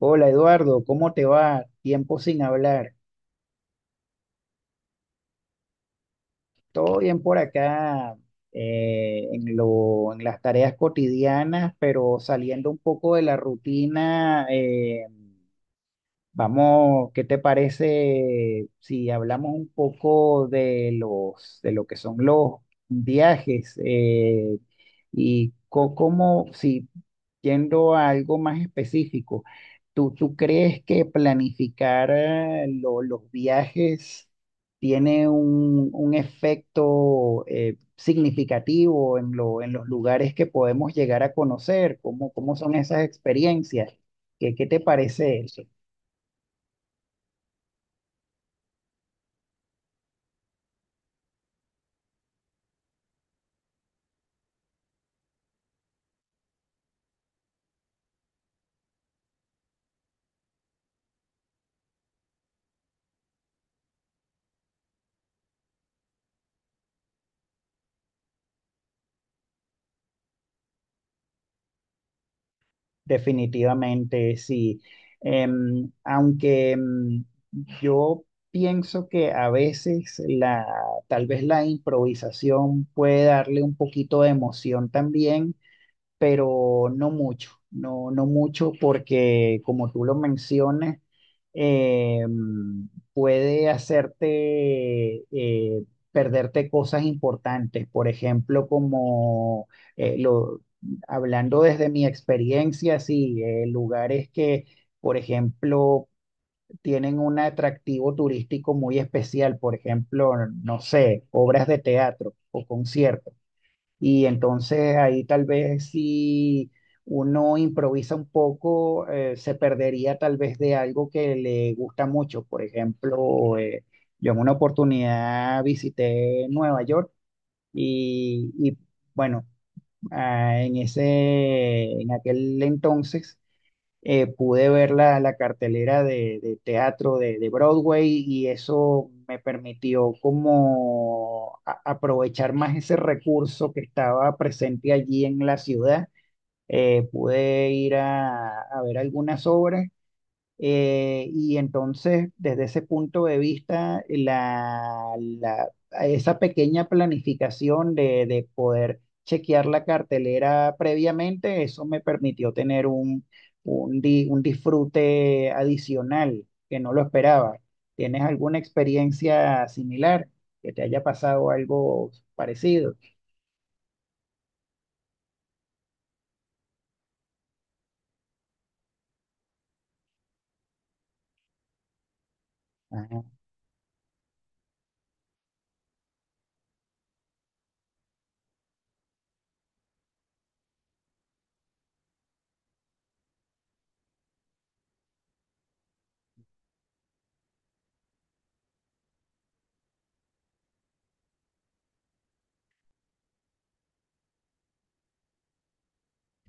Hola Eduardo, ¿cómo te va? Tiempo sin hablar. Todo bien por acá, en las tareas cotidianas, pero saliendo un poco de la rutina. Vamos, ¿qué te parece si hablamos un poco de lo que son los viajes, y cómo, si yendo a algo más específico, ¿tú crees que planificar, los viajes tiene un efecto, significativo en los lugares que podemos llegar a conocer? ¿Cómo son esas experiencias? ¿Qué te parece eso? Definitivamente, sí. Aunque yo pienso que a veces tal vez la improvisación puede darle un poquito de emoción también, pero no mucho, no, no mucho porque, como tú lo mencionas, eh, puede hacerte, perderte cosas importantes, por ejemplo, como eh, lo, hablando desde mi experiencia, sí, lugares que, por ejemplo, tienen un atractivo turístico muy especial. Por ejemplo, no sé, obras de teatro o conciertos, y entonces ahí tal vez si uno improvisa un poco, se perdería tal vez de algo que le gusta mucho. Por ejemplo, yo en una oportunidad visité Nueva York y, bueno, ah, en ese, en aquel entonces, pude ver la cartelera de teatro de Broadway, y eso me permitió como aprovechar más ese recurso que estaba presente allí en la ciudad. Pude ir a ver algunas obras, y entonces, desde ese punto de vista, esa pequeña planificación de poder chequear la cartelera previamente, eso me permitió tener un disfrute adicional que no lo esperaba. ¿Tienes alguna experiencia similar que te haya pasado algo parecido?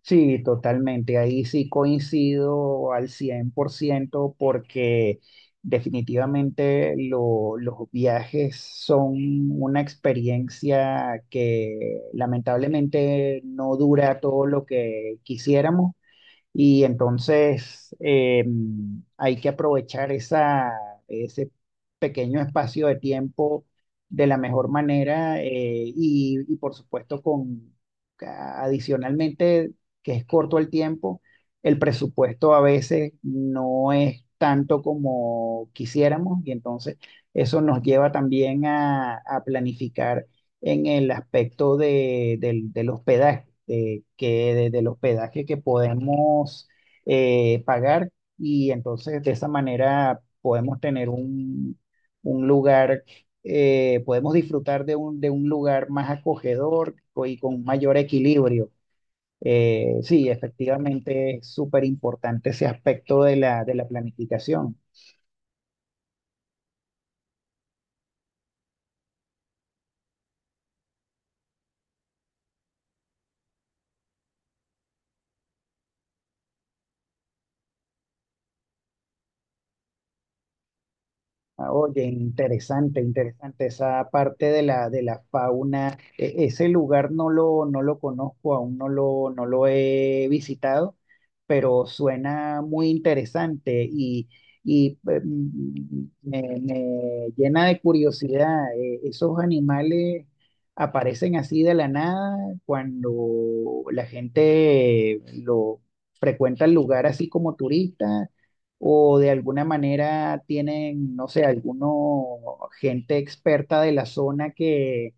Sí, totalmente. Ahí sí coincido al 100%, porque definitivamente los viajes son una experiencia que lamentablemente no dura todo lo que quisiéramos, y entonces, hay que aprovechar ese pequeño espacio de tiempo de la mejor manera, y, por supuesto, con adicionalmente que es corto el tiempo, el presupuesto a veces no es tanto como quisiéramos, y entonces eso nos lleva también a planificar en el aspecto del hospedaje, que desde el hospedaje que podemos, pagar, y entonces de esa manera podemos tener un, lugar, podemos disfrutar de un lugar más acogedor y con mayor equilibrio. Sí, efectivamente es súper importante ese aspecto de la planificación. Ah, oye, interesante, interesante esa parte de la fauna. Ese lugar no lo, conozco, aún no lo, he visitado, pero suena muy interesante, y me, llena de curiosidad. Esos animales aparecen así de la nada cuando la gente lo frecuenta el lugar así como turista, o de alguna manera tienen, no sé, alguno gente experta de la zona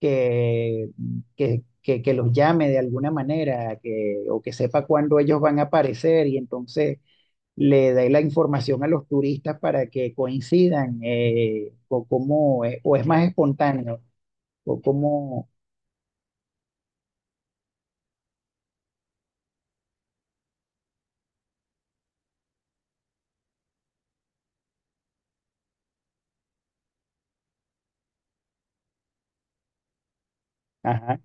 que, que los llame de alguna manera, que, o que sepa cuándo ellos van a aparecer, y entonces le dé la información a los turistas para que coincidan, o cómo, o es más espontáneo, o cómo, ajá.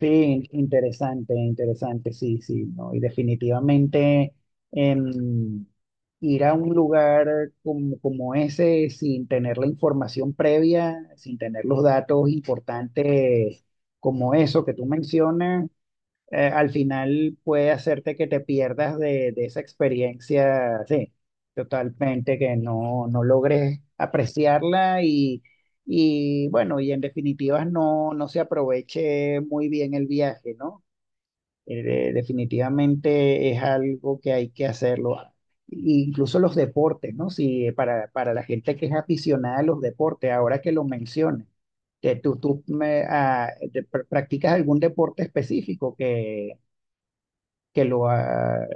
Sí, interesante, interesante, sí, sí, ¿no? Y definitivamente, em, ir a un lugar como ese sin tener la información previa, sin tener los datos importantes como eso que tú mencionas, al final puede hacerte que te pierdas de esa experiencia, sí, totalmente, que no, no logres apreciarla, y bueno, y en definitiva no, no se aproveche muy bien el viaje, ¿no? Definitivamente es algo que hay que hacerlo. Ah, incluso los deportes, ¿no? Si para la gente que es aficionada a los deportes, ahora que lo mencionas, que tú me, ah, te- pr- practicas algún deporte específico que lo ha...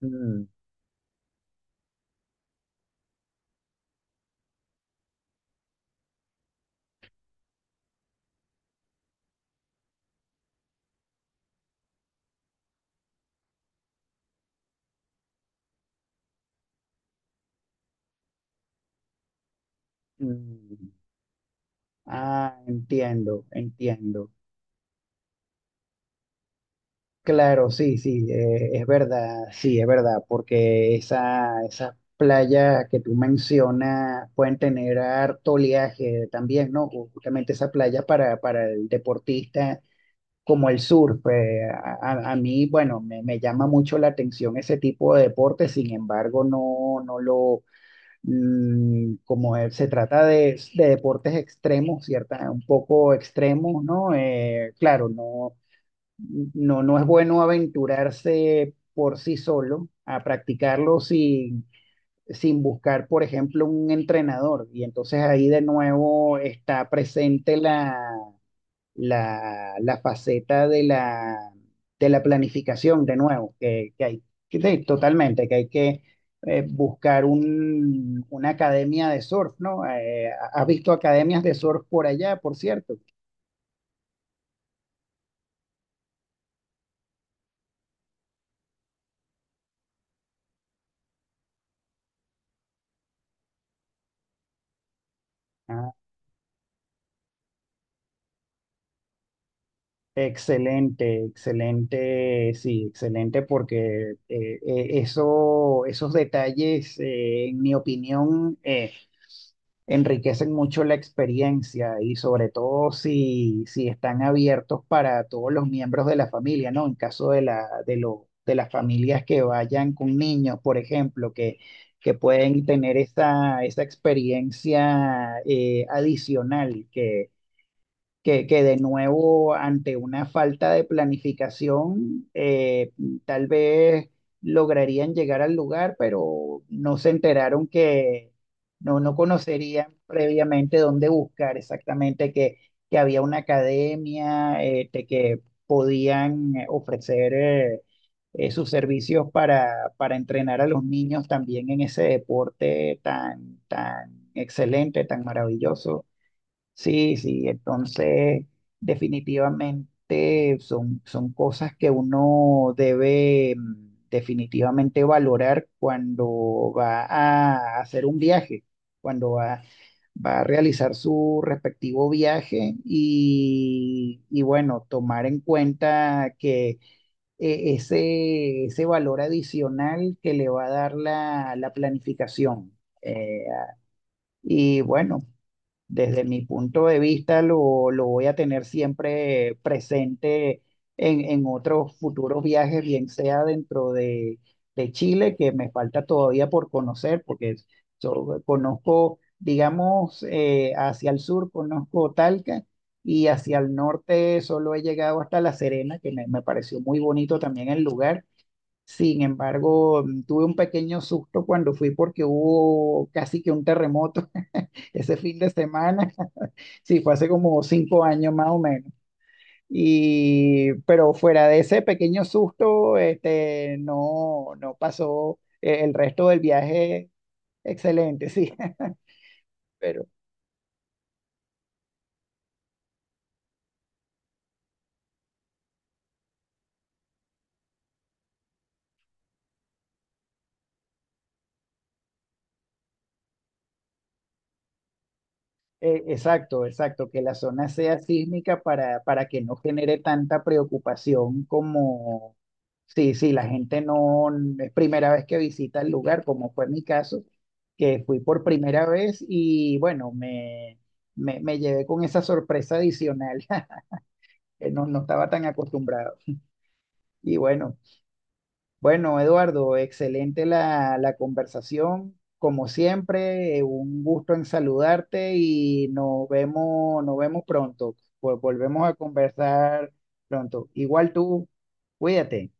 mm, mm, entiendo, entiendo. Claro, sí, sí, es verdad, sí, es verdad, porque esas playas que tú mencionas pueden tener harto oleaje también, ¿no? Justamente esa playa para el deportista, como el surf. A mí, bueno, me llama mucho la atención ese tipo de deporte. Sin embargo, no, no lo... Como se trata de deportes extremos, un poco extremos, ¿no? Claro, no, no, no es bueno aventurarse por sí solo a practicarlo sin buscar, por ejemplo, un entrenador. Y entonces ahí de nuevo está presente la, faceta de la planificación, de nuevo, que hay, que sí, totalmente, que hay que buscar una academia de surf, ¿no? ¿Has visto academias de surf por allá, por cierto? Ah, excelente, excelente, sí, excelente, porque esos detalles, en mi opinión, enriquecen mucho la experiencia, y sobre todo si, si están abiertos para todos los miembros de la familia, ¿no? En caso de la, de las familias que vayan con niños, por ejemplo, que pueden tener esa experiencia, adicional, que de nuevo, ante una falta de planificación, tal vez lograrían llegar al lugar, pero no se enteraron que no, no conocerían previamente dónde buscar exactamente, que había una academia, de que podían ofrecer sus servicios para entrenar a los niños también en ese deporte tan, tan excelente, tan maravilloso. Sí, sí, entonces definitivamente son, cosas que uno debe, definitivamente, valorar cuando va a hacer un viaje, cuando va, a realizar su respectivo viaje, y bueno, tomar en cuenta que, ese, valor adicional que le va a dar la planificación. Eh, y bueno. Desde mi punto de vista, lo, voy a tener siempre presente en, otros futuros viajes, bien sea dentro de, Chile, que me falta todavía por conocer, porque yo conozco, digamos, hacia el sur conozco Talca, y hacia el norte solo he llegado hasta La Serena, que me, pareció muy bonito también el lugar. Sin embargo, tuve un pequeño susto cuando fui porque hubo casi que un terremoto ese fin de semana. Sí, fue hace como 5 años más o menos. Y pero, fuera de ese pequeño susto, este, no, no pasó, el resto del viaje excelente, sí. Pero, exacto, exacto, que la zona sea sísmica para que no genere tanta preocupación como, sí, sí, la gente no, es primera vez que visita el lugar, como fue mi caso, que fui por primera vez, y bueno, me llevé con esa sorpresa adicional. No, no estaba tan acostumbrado. Y bueno, bueno, Eduardo, excelente la conversación. Como siempre, un gusto en saludarte, y nos vemos pronto. Volvemos a conversar pronto. Igual tú, cuídate.